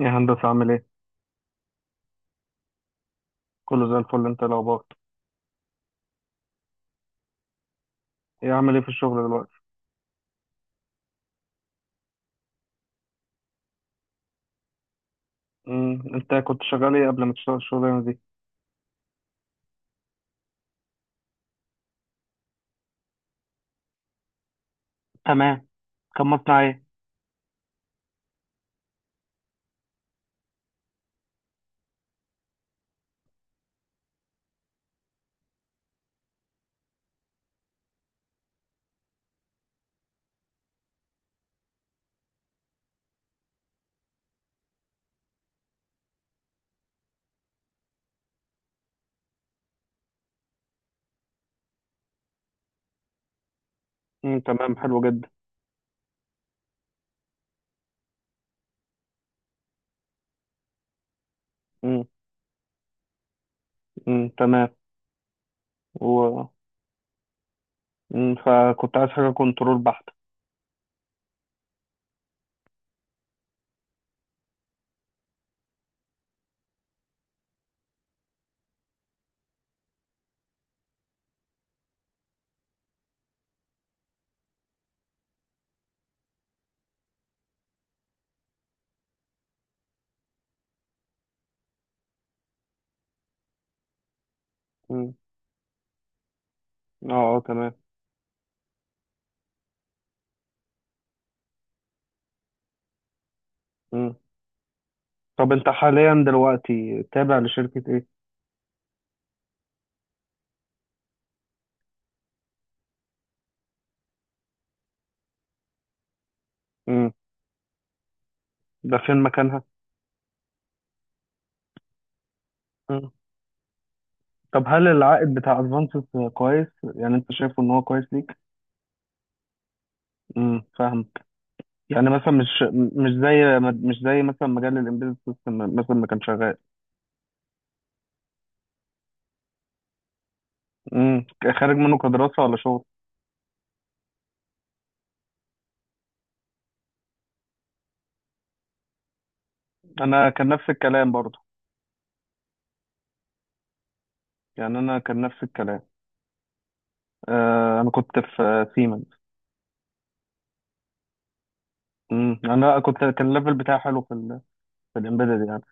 يا هندسة عامل ايه؟ كله زي الفل، انت إيه الاخبار؟ ايه عامل ايه في الشغل دلوقتي؟ انت كنت شغال ايه قبل ما تشتغل الشغلانة دي؟ تمام. كان مصنع ايه؟ امم، تمام، حلو جدا. امم. امم، تمام. و فكنت عايز حاجة كنترول بحت. امم. اه، اه، تمام. امم. طب انت حاليا دلوقتي تابع لشركة ايه؟ امم. ده فين مكانها؟ امم. طب هل العائد بتاع ادفانسز كويس؟ يعني انت شايفه ان هو كويس ليك؟ امم، فاهم. يعني مثلا مش زي، مش زي مثلا مجال الامبيدد سيستم مثلا ما كان شغال. امم. خارج منه كدراسه ولا شغل؟ انا كان نفس الكلام برضو. يعني انا كان نفس الكلام. انا كنت في سيمنز. انا كنت كان الليفل بتاعي حلو في في الامبيدد يعني.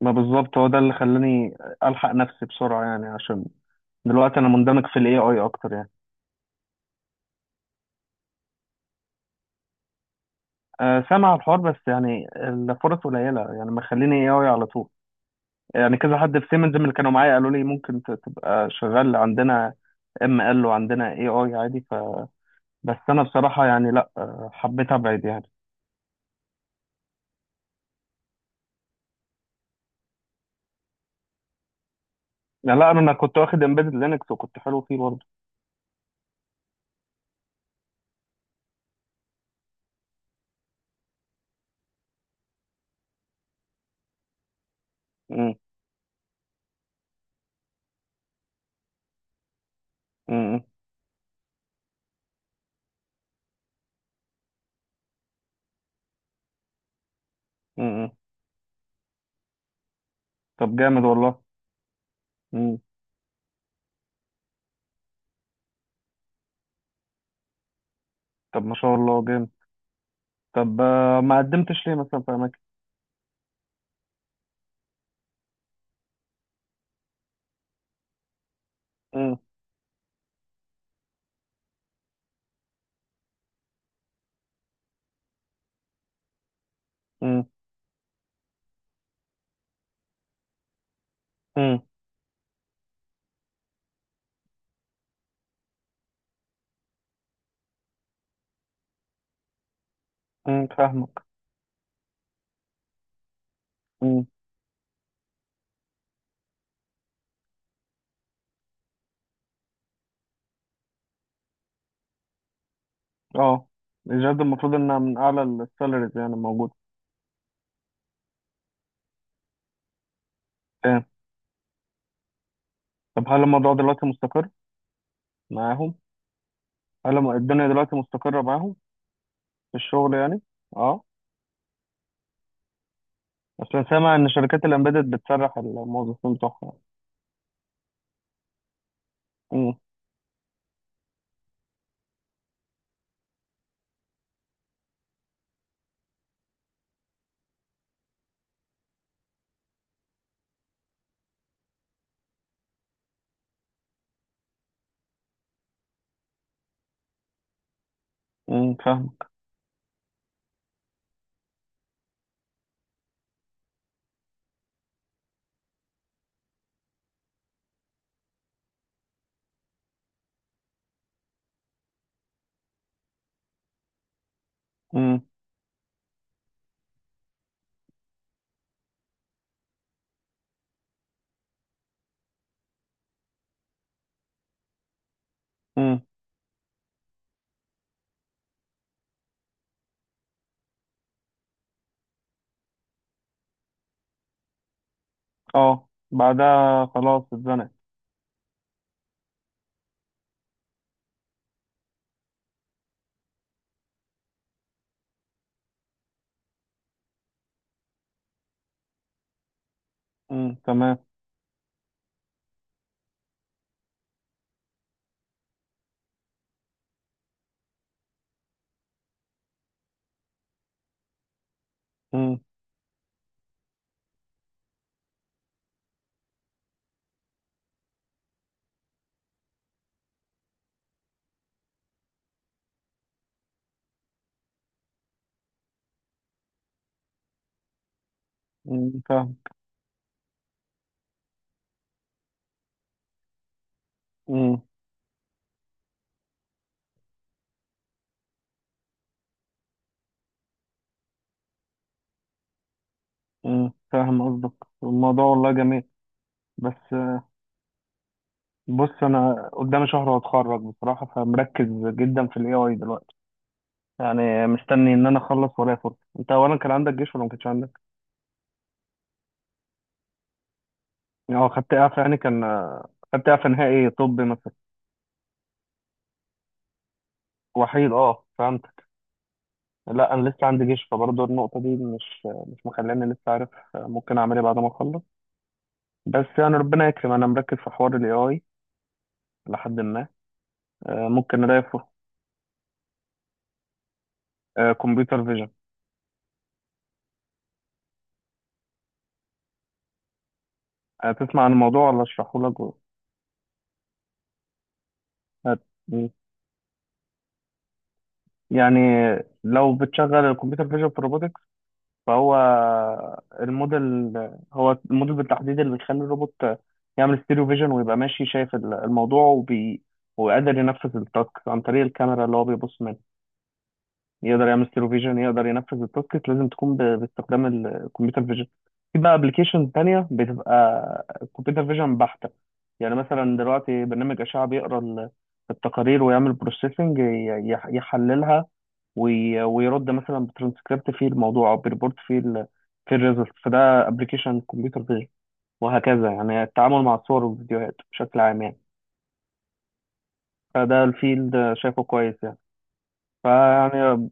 ما بالظبط هو ده اللي خلاني الحق نفسي بسرعه يعني، عشان دلوقتي انا مندمج في الاي اي اكتر يعني. سامع الحوار، بس يعني الفرص قليله يعني، ما خليني اي اي على طول. يعني كذا حد في سيمنز من اللي كانوا معايا قالوا لي ممكن تبقى شغال عندنا، اما قال له عندنا اي اي عادي. فبس انا بصراحه يعني، لا، حبيت ابعد يعني. لا، لا، انا كنت واخد امبيدد لينكس وكنت حلو فيه برضه. مم. مم. مم. طب جامد والله. مم. طب ما شاء الله جامد. طب ما قدمتش ليه مثلا في اماكن؟ مم. مم. مم. مم، فاهمك. مم. اه. الجهاز المفروض انها من اعلى السالاريز يعني موجوده. تمام. طب هل الموضوع دلوقتي مستقر معاهم؟ هل الدنيا دلوقتي مستقره معاهم؟ في الشغل يعني. اه. أصل سامع إن شركات الإمبيدد بتسرح الموظفين بتوعها. أمم. أمم، فاهمك. أمم. أمم. أه، بعدها خلاص اتزنقت. أمم، تمام. أمم. أمم، فاهم. أمم، أمم، فاهم قصدك. الموضوع والله جميل. بس بص أنا قدامي شهر وأتخرج بصراحة، فمركز جدا في ال AI دلوقتي. يعني مستني إن أنا أخلص ورايا فرصة. أنت أولا كان عندك جيش ولا ما كانش عندك؟ أه، خدت إعفاء يعني، كان خدت إعفاء نهائي طبي مثلا. وحيد، أه، فهمت. لا، انا لسه عندي جيش، فبرضه النقطه دي مش مخلاني لسه عارف ممكن اعمل ايه بعد ما اخلص. بس يعني ربنا يكرم، انا مركز في حوار الاي اي لحد ما ممكن الاقي فرصه. كمبيوتر فيجن. هتسمع عن الموضوع ولا اشرحه لك هت- يعني لو بتشغل الكمبيوتر فيجن في الروبوتكس؟ فهو الموديل هو الموديل بالتحديد اللي بيخلي الروبوت يعمل ستيريو فيجن ويبقى ماشي شايف الموضوع وقادر ينفذ التاسك عن طريق الكاميرا اللي هو بيبص منها. يقدر يعمل ستيرو فيجن، يقدر ينفذ التاسكت، لازم تكون باستخدام الكمبيوتر فيجن. في بقى ابلكيشن تانية بتبقى كمبيوتر فيجن بحتة. يعني مثلا دلوقتي برنامج أشعة بيقرا التقارير ويعمل بروسيسنج، يحللها، ويرد مثلا بترانسكريبت في الموضوع او بريبورت في الريزلت، فده ابلكيشن كمبيوتر فيجن. وهكذا يعني التعامل مع الصور والفيديوهات بشكل عام يعني. فده الفيلد شايفه كويس يعني. فيعني.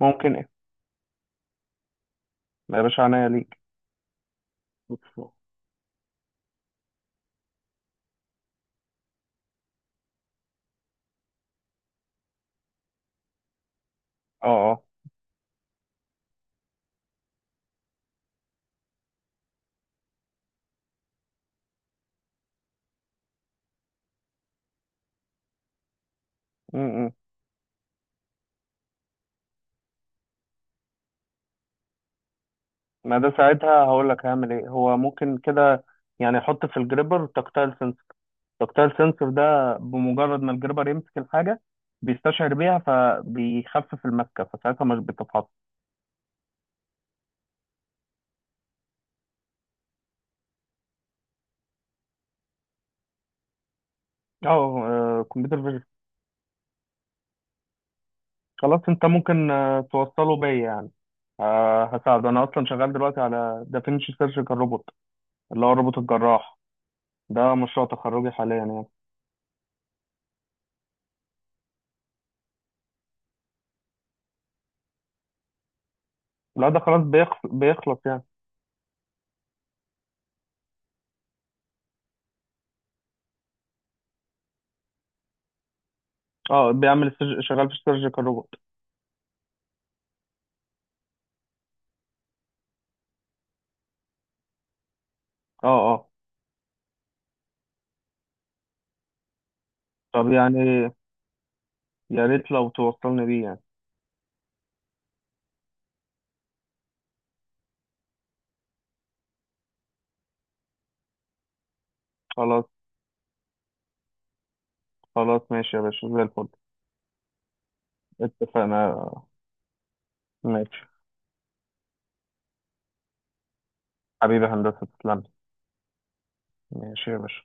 ممكن ايه؟ يا باشا عناية. ليك. اه، اه. م- م. ما ده ساعتها هقول لك هعمل ايه. هو ممكن كده يعني احط في الجريبر تكتايل سنسور. تكتايل سنسور ده بمجرد ما الجريبر يمسك الحاجه، بيستشعر بيها فبيخفف المسكه، فساعتها مش بتتحط. اه، كمبيوتر فيجن. خلاص، انت ممكن توصله بيا يعني. هساعده، انا اصلا شغال دلوقتي على دافينشي سيرجيكال روبوت اللي هو الروبوت الجراح. ده مشروع تخرجي حاليا يعني. لا، ده خلاص بيخلص يعني. اه، بيعمل شغال في السيرجيكال روبوت. اه، اه. طب يعني، يا ريت لو توصلني بيه يعني. خلاص. خلاص، ماشي يا باشا، زي الفل. اتفقنا. ماشي. حبيبي هندسة، تسلم. ماشي يا باشا